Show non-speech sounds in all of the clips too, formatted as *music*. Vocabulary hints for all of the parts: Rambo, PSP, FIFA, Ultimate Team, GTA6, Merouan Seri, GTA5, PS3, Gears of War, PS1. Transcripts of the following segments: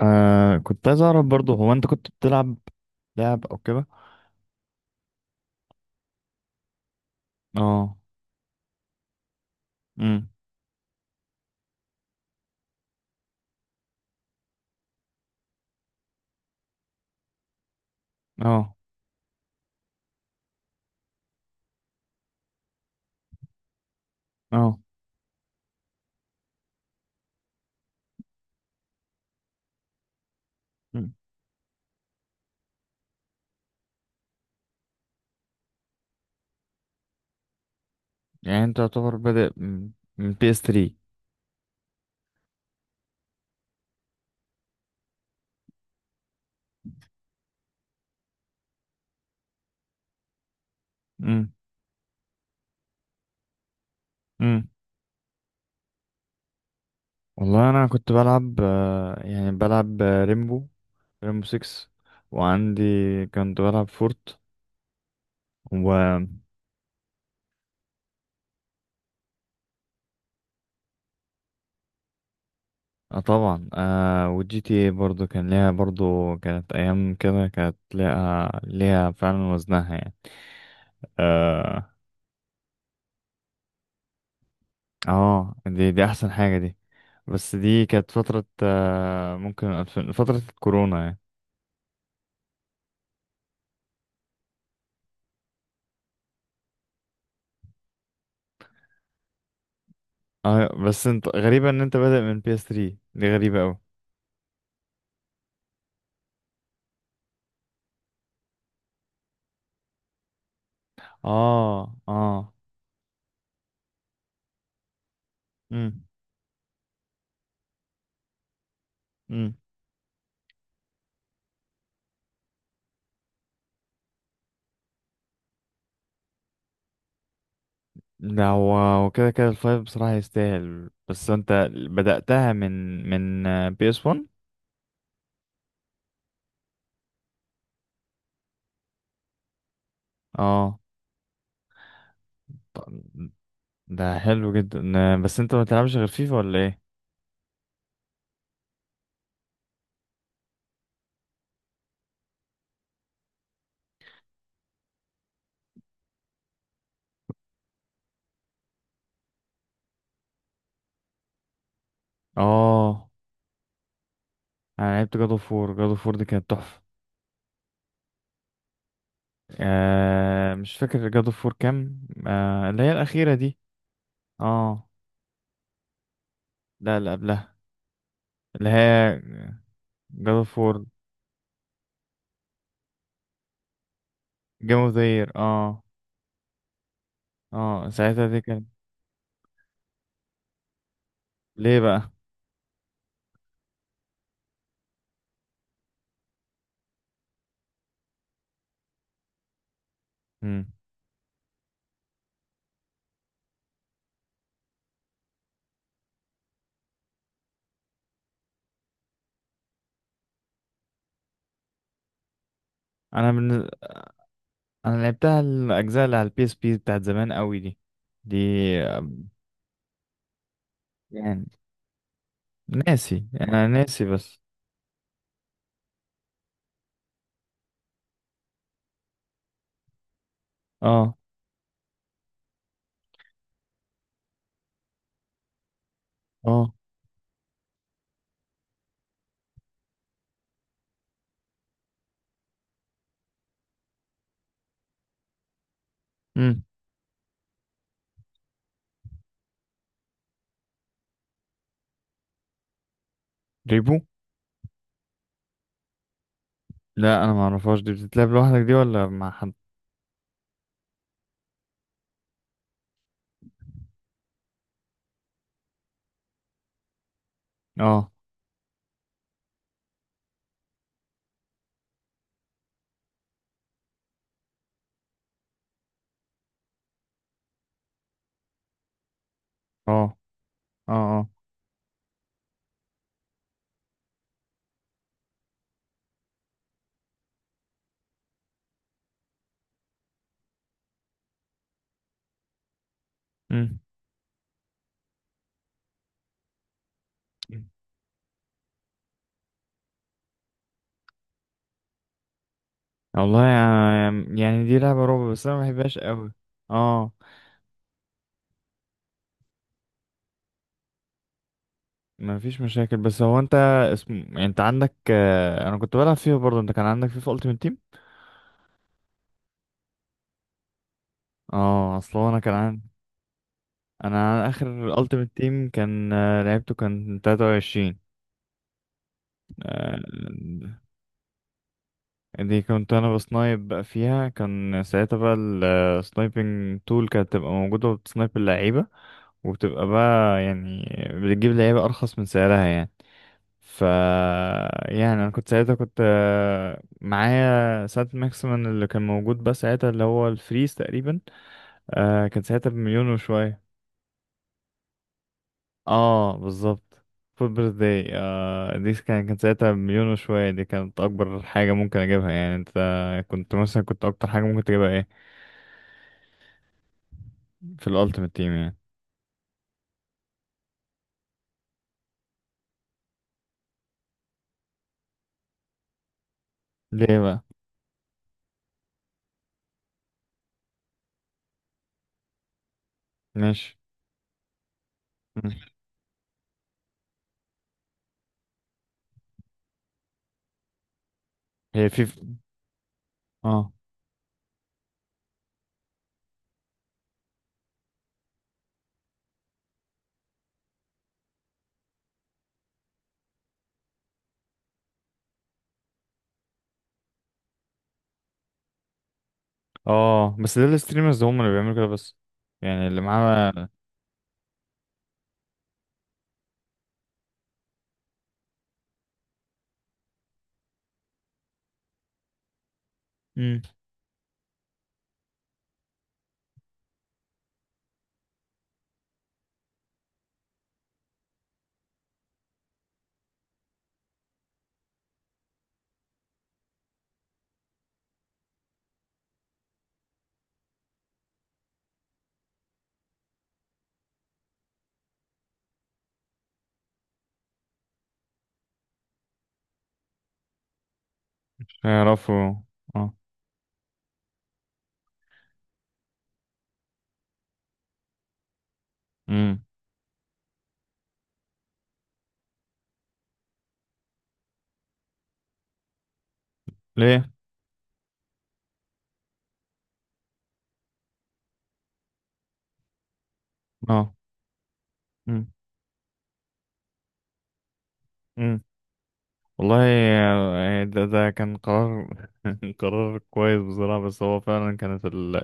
آه، كنت عايز اعرف برضه هو انت كنت بتلعب لعب او كده؟ اه. امم. اه. اه. مم. يعني انت يعتبر بادئ من بي اس 3. امم. امم. والله انا كنت بلعب بلعب ريمبو 6، وعندي كنت بلعب فورت و... آه طبعا، آه والجي تي اي برضه كان ليها، برضه كانت ايام كده كانت ليها ليها فعلا وزنها يعني. آه، اه، دي احسن حاجة دي. بس دي كانت فترة ممكن ألفين، فترة الكورونا يعني. اه، بس انت غريبة ان انت بادئ من PS3، دي غريبة اوي. اه. اه. امم. امم. لا، هو وكده كده الفايف بصراحة يستاهل، بس انت بدأتها من PS1. اه، طب ده حلو جدا، آه، بس انت ما تلعبش غير فيفا ولا ايه؟ اه، انا لعبت جادو فور دي كانت تحفة. آه مش فاكر جاد اوف وور كام، آه اللي هي الأخيرة دي. اه، لا اللي قبلها. اللي هي جاد اوف وور. جيم اوف ذا يير اه. اه، ساعتها دي كان... ليه بقى؟ مم. انا من... انا لعبتها الاجزاء اللي على البي اس بي بتاعت زمان قوي، دي دي. آه، يعني ناسي، انا ناسي بس. اه. اه. امم. ريبو؟ لا انا ما اعرفهاش، دي بتتلعب لوحدك دي ولا مع حد؟ اه. اه. اه. اه. امم. والله يعني، يعني دي لعبة رعب بس انا ما بحبهاش قوي. اه. ما فيش مشاكل بس هو انت اسم، يعني انت عندك آه، انا كنت بلعب فيها برضه، انت كان عندك فيفا التيمت تيم؟ اه، اصل هو انا كان عندي، انا عن اخر التيمت تيم كان آه، لعبته كان 23. آه، دي كنت انا بسنايب بقى فيها كان ساعتها بقى السنايبنج تول كانت تبقى موجودة، وبتسنايب اللعيبة وبتبقى بقى يعني بتجيب لعيبة ارخص من سعرها يعني. ف... يعني انا كنت ساعتها كنت آه، معايا ساعة ماكسيمم اللي كان موجود بس ساعتها اللي هو الفريز تقريبا. آه كان ساعتها بمليون وشوية. اه بالظبط. فود بيرث داي، آه دي كان كان ساعتها بمليون وشوية، دي كانت أكبر حاجة ممكن أجيبها يعني. أنت كنت مثلا، كنت أكتر حاجة ممكن تجيبها إيه في الألتيمت تيم يعني؟ ليه بقى؟ ماشي. مم. هي في... اه. اه، بس ده الستريمرز هم اللي بيعملوا كده بس، يعني اللي معاه يعرفوا. اه. امم. ليه؟ اه. امم. امم. والله آه، ده كان قرار *laughs* قرار كويس بصراحة، بس هو فعلا كانت ال...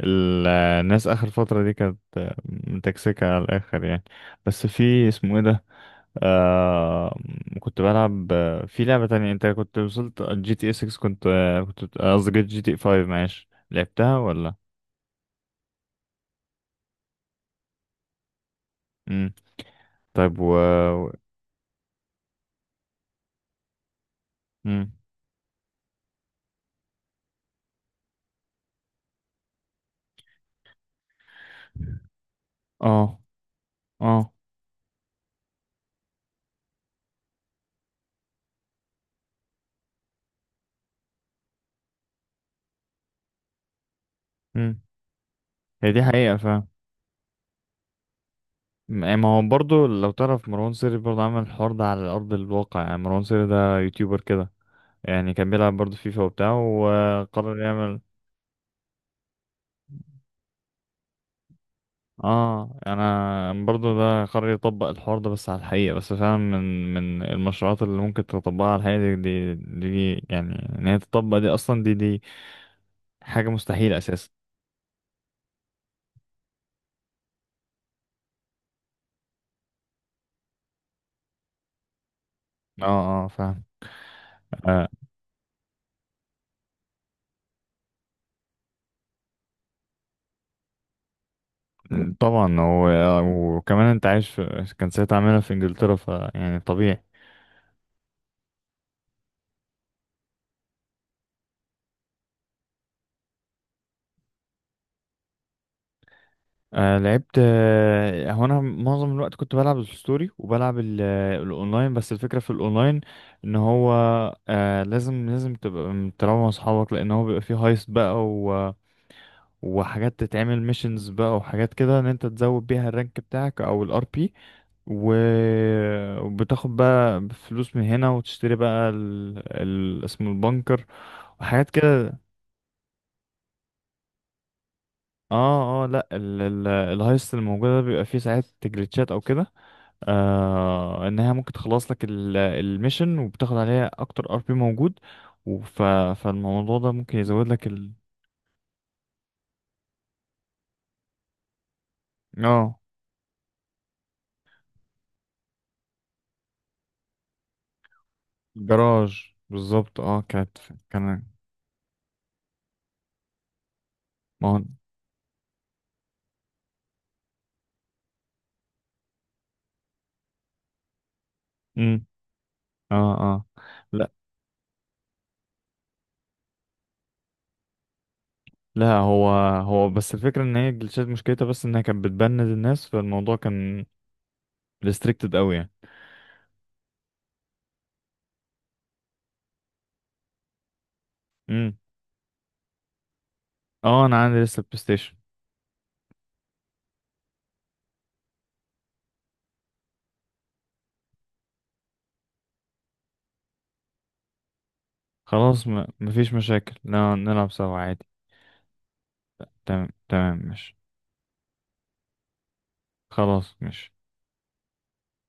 ال... الناس آخر فترة دي كانت آه، متكسكة على الآخر يعني. بس في اسمه ايه ده؟ آه... كنت بلعب آه، في لعبة تانية انت كنت وصلت جي تي اي 6، كنت آه، كنت قصدي جي تي اي 5، معلش لعبتها ولا؟ امم. طيب و... امم. اه. اه. مم. هي دي حقيقة فاهم. يعني ما هو برضه لو تعرف مروان سري برضه عمل الحوار ده على أرض الواقع، يعني مروان سري ده يوتيوبر كده يعني، كان بيلعب برضه فيفا وبتاع وقرر يعمل... اه. انا برضه ده قرر يطبق الحوار ده بس على الحقيقة، بس فعلا من من المشروعات اللي ممكن تطبقها على الحقيقة، دي يعني ان هي تطبق دي اصلا، دي حاجة مستحيلة اساسا. اه. اه فاهم. آه طبعا و- آه، وكمان انت عايش في كان ساعتها عاملها في انجلترا فيعني طبيعي. آه لعبت، آه هو انا معظم الوقت كنت بلعب الستوري وبلعب ال- آه، الاونلاين، بس الفكره في الاونلاين ان هو آه لازم تبقى تلعب مع اصحابك، لان هو بيبقى فيه هايست بقى و... وحاجات تتعمل ميشنز بقى وحاجات كده ان انت تزود بيها الرانك بتاعك او الار بي و... وبتاخد بقى فلوس من هنا وتشتري بقى ال... ال... اسمه البنكر وحاجات كده. اه. اه لا، ال... ال... الهايست الموجوده بيبقى فيه ساعات جليتشات او كده. آه انها ممكن تخلص لك ال- الميشن وبتاخد عليها اكتر ار بي موجود. وف... فالموضوع ده ممكن يزود لك ال... اه الجراج بالظبط اه كانت. كان ما هو... امم. اه. اه لا لا هو، بس الفكرة ان هي الجلitchات مشكلتها بس انها كانت بتبند الناس، فالموضوع كان ريستريكتد قوي يعني. امم. اه انا عندي لسه بلاي ستيشن. خلاص، ما... مفيش مشاكل نلعب سوا عادي. تمام تمام ماشي. خلاص ماشي.